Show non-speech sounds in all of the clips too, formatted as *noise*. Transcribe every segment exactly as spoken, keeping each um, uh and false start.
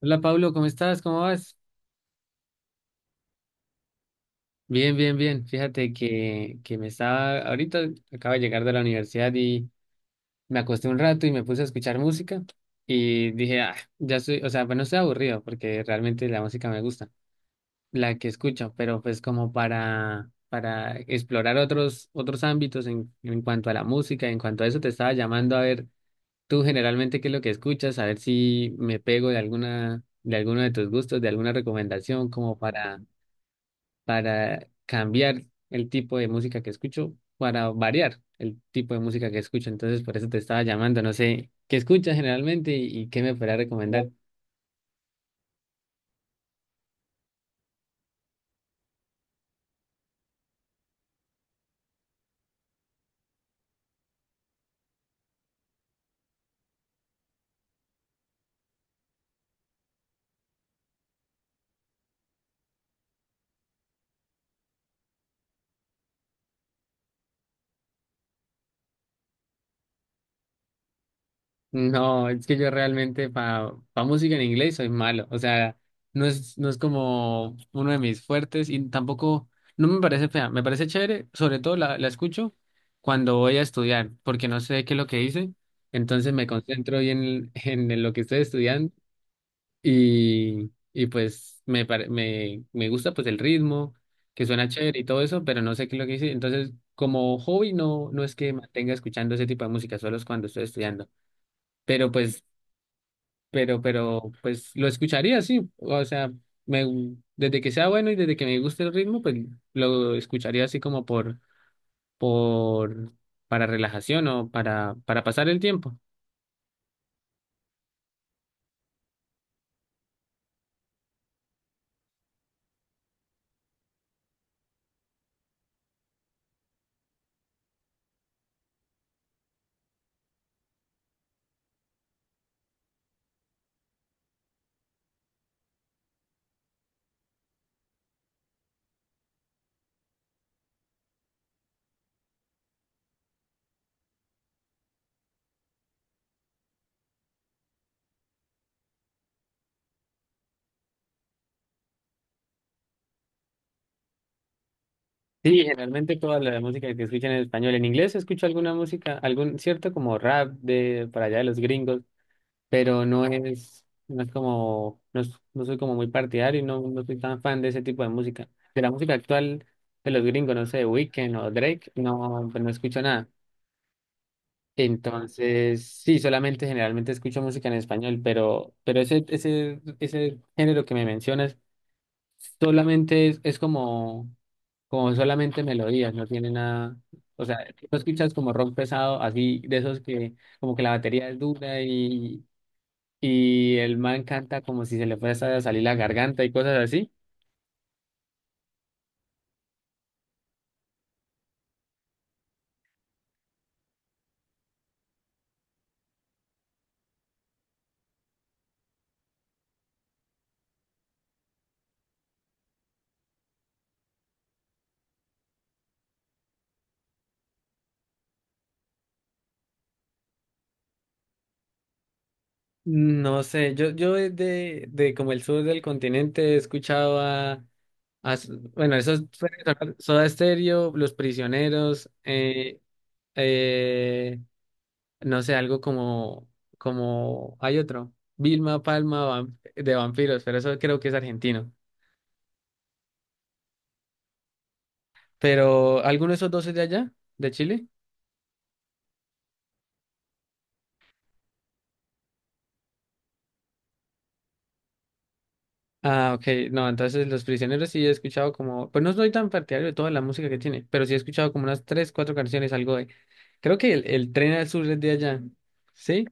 Hola Pablo, ¿cómo estás? ¿Cómo vas? Bien, bien, bien. Fíjate que, que me estaba, ahorita acabo de llegar de la universidad y me acosté un rato y me puse a escuchar música y dije, ah, ya estoy, o sea, pues no estoy aburrido porque realmente la música me gusta, la que escucho, pero pues como para, para explorar otros, otros ámbitos en, en cuanto a la música, en cuanto a eso te estaba llamando a ver tú generalmente qué es lo que escuchas, a ver si me pego de alguna, de alguno de tus gustos, de alguna recomendación como para para cambiar el tipo de música que escucho, para variar el tipo de música que escucho. Entonces, por eso te estaba llamando. No sé qué escuchas generalmente y, y qué me podrás recomendar. No, es que yo realmente para música en inglés soy malo. O sea, no es, no es como uno de mis fuertes y tampoco, no me parece fea. Me parece chévere, sobre todo la, la escucho cuando voy a estudiar, porque no sé qué es lo que hice. Entonces me concentro bien en, en lo que estoy estudiando. Y, y pues me, pare- me, me gusta pues el ritmo, que suena chévere y todo eso, pero no sé qué es lo que hice. Entonces, como hobby no, no es que mantenga escuchando ese tipo de música, solo es cuando estoy estudiando. Pero pues, pero, pero, pues lo escucharía, sí. O sea, me, desde que sea bueno y desde que me guste el ritmo, pues lo escucharía así como por, por, para relajación o para, para pasar el tiempo. Sí, generalmente toda la música que escuchan en español. En inglés escucho alguna música, algún cierto como rap de para allá de los gringos, pero no es, no es como, no, es- no soy como muy partidario y no, no soy tan fan de ese tipo de música. De la música actual de los gringos, no sé, Weekend o Drake, no, pues no escucho nada. Entonces, sí, solamente generalmente escucho música en español, pero, pero ese, ese, ese género que me mencionas solamente es, es como como solamente melodías, no tiene nada, o sea, no escuchas como rock pesado, así de esos que como que la batería es dura y, y el man canta como si se le fuese a salir la garganta y cosas así. No sé, yo, yo de, de de como el sur del continente he escuchado a, a s- bueno, esos Soda Stereo, Los Prisioneros, eh, eh, no sé, algo como, como, hay otro, Vilma Palma vam- de vampiros, pero eso creo que es argentino. Pero, ¿alguno de esos dos es de allá, de Chile? Ah, ok, no, entonces Los Prisioneros sí he escuchado como, pues no soy tan partidario de toda la música que tiene, pero sí he escuchado como unas tres, cuatro canciones, algo de, creo que el, el Tren al Sur es de allá, ¿sí?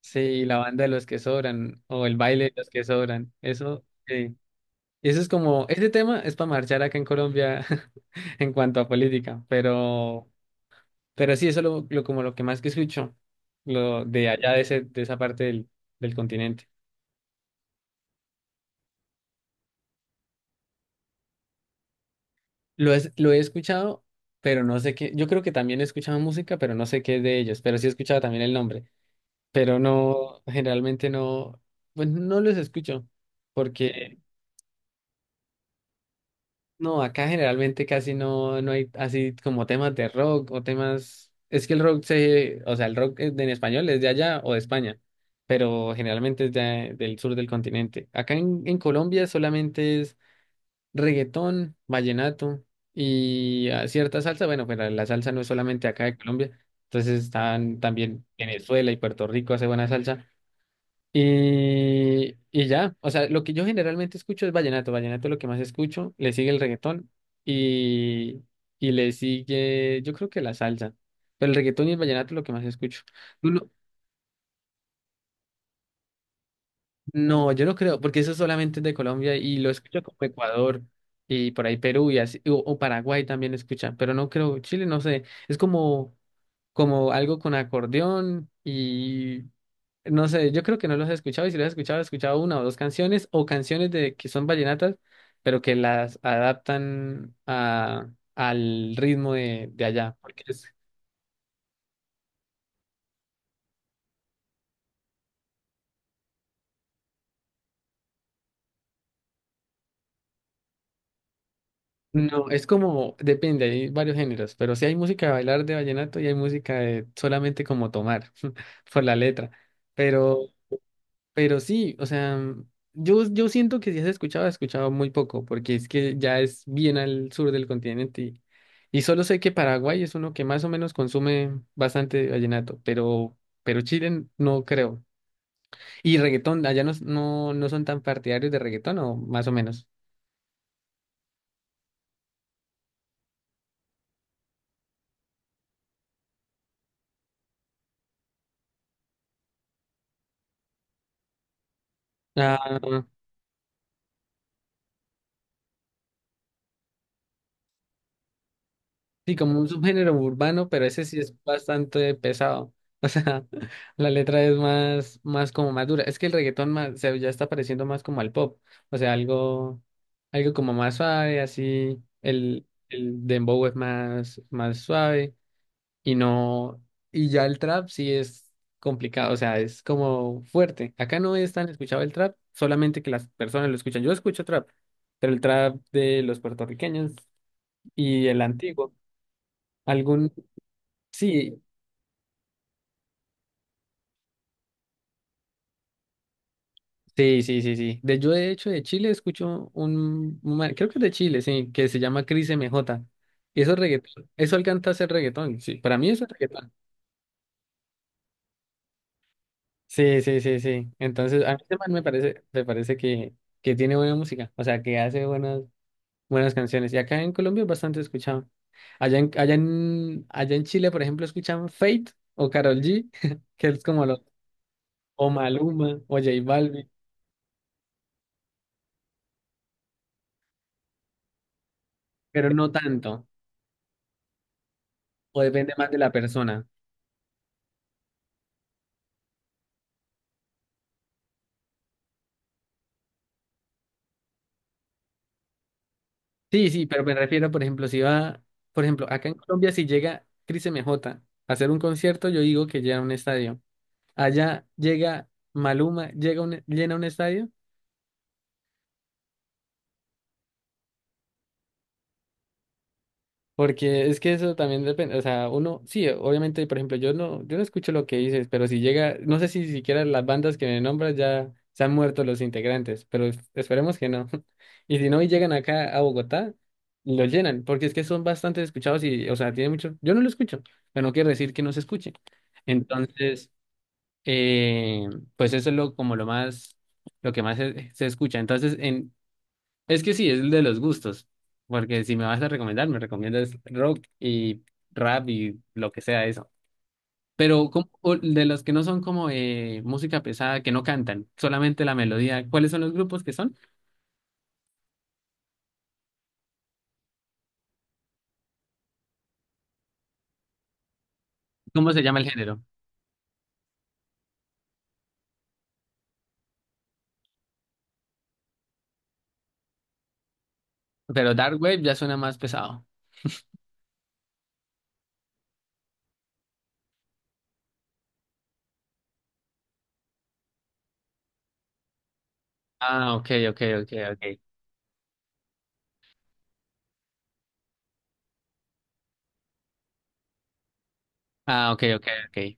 Sí, la banda de los que sobran, o el baile de los que sobran, eso, sí. Y eso es como, este tema es para marchar acá en Colombia *laughs* en cuanto a política, pero... Pero sí, eso es lo, lo- como lo que más que escucho, lo de allá de, ese, de esa parte del, del continente. Lo, es, lo he escuchado, pero no sé qué. Yo creo que también he escuchado música, pero no sé qué es de ellos. Pero sí he escuchado también el nombre. Pero no, generalmente no, pues no los escucho, porque no, acá generalmente casi no, no hay así como temas de rock o temas. Es que el rock se, o sea, el rock es de- en español es de allá o de España, pero generalmente es de- del sur del continente. Acá en, en Colombia solamente es reggaetón, vallenato y ah, cierta salsa. Bueno, pero la salsa no es solamente acá de Colombia, entonces están también Venezuela y Puerto Rico hace buena salsa. Y, y ya, o sea, lo que yo generalmente escucho es vallenato, vallenato es lo que más escucho, le sigue el reggaetón y, y le sigue, yo creo que la salsa, pero el reggaetón y el vallenato es lo que más escucho. Tú lo- no, yo no creo, porque eso solamente es de Colombia y lo escucho como Ecuador y por ahí Perú y así, o, o Paraguay también escucha, pero no creo, Chile no sé, es como, como algo con acordeón. No sé, yo creo que no los he escuchado y si los he escuchado, he escuchado una o dos canciones o canciones de que son vallenatas, pero que las adaptan a, al ritmo de, de allá. Porque es, no, es como, depende, hay varios géneros, pero sí hay música de bailar de vallenato y hay música de solamente como tomar *laughs* por la letra. Pero Pero sí, o sea, mm, yo, yo siento que si has escuchado, has escuchado muy poco, porque es que ya es bien al sur del continente y, y solo sé que Paraguay es uno que más o menos consume bastante vallenato, pero, pero Chile no creo. Y reggaetón, allá no, no, no son tan partidarios de reggaetón o más o menos. Ah, sí, como un subgénero urbano, pero ese sí es bastante pesado. O sea, *laughs* la letra es más, más como más dura. Es que el reggaetón más, se- ya está pareciendo más como al pop. O sea, algo, algo como más suave, así. El, el dembow es más, más suave. Y no, y ya el trap sí es complicado. O sea, es como fuerte. Acá no es tan escuchado el trap, solamente que las personas lo escuchan. Yo escucho trap, pero el trap de los puertorriqueños y el antiguo. Sí, sí, sí, sí, sí. De, yo de hecho de Chile escucho un, un man- creo que es de Chile, sí, que se llama Cris M J. Y eso es reggaetón, eso alcanza a ser reggaetón, sí. Para mí eso es reggaetón. Sí, sí, sí, sí. Entonces, a mí este man me parece, me parece que, que tiene buena música, o sea, que hace buenas, buenas canciones. Y acá en Colombia es bastante escuchado. Allá en, allá en, allá en Chile, por ejemplo, escuchan Fate o Karol G, *laughs* que es como los, o Maluma o J Balvin, pero no tanto, o depende más de la persona. Sí, sí, pero me refiero, por ejemplo, si va, por ejemplo, acá en Colombia, si llega Cris M J a hacer un concierto, yo digo que llena un estadio. Allá llega Maluma, llega un, llena un estadio. Porque es que eso también depende, o sea, uno, sí, obviamente, por ejemplo, yo no, yo no escucho lo que dices, pero si llega, no sé si siquiera las bandas que me nombras ya se han muerto los integrantes, pero es- esperemos que no. *laughs* Y si no, y llegan acá a Bogotá, lo llenan, porque es que son bastante escuchados y, o sea, tiene mucho, yo no lo escucho, pero no quiere decir que no se escuche. Entonces, eh, pues eso es lo, como lo más, lo que más se, se escucha. Entonces, en, es que sí, es el de los gustos. Porque si me vas a recomendar, me recomiendas rock y rap y lo que sea eso. Pero ¿cómo- o de los que no son como eh, música pesada, que no cantan, solamente la melodía, ¿cuáles son los grupos que son? ¿Cómo se llama el género? Pero Dark Wave ya suena más pesado. Ah, ok, ok, ok, ok. Ah, ok, ok, ok.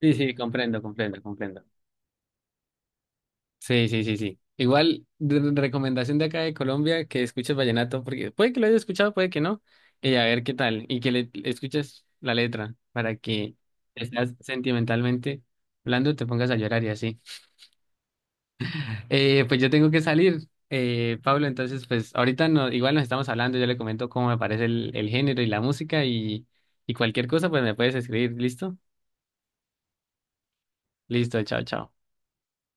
Sí, sí, comprendo, comprendo, comprendo. Sí, sí, sí, sí. Igual, de- de recomendación de acá de Colombia, que escuches vallenato, porque puede que lo hayas escuchado, puede que no, y a ver qué tal, y que le le escuches la letra para que estás sentimentalmente hablando, te pongas a llorar y así. Eh, pues yo tengo que salir, eh, Pablo, entonces pues ahorita no, igual nos estamos hablando, yo le comento cómo me parece el, el género y la música y, y cualquier cosa, pues me puedes escribir, ¿listo? Listo, chao, chao.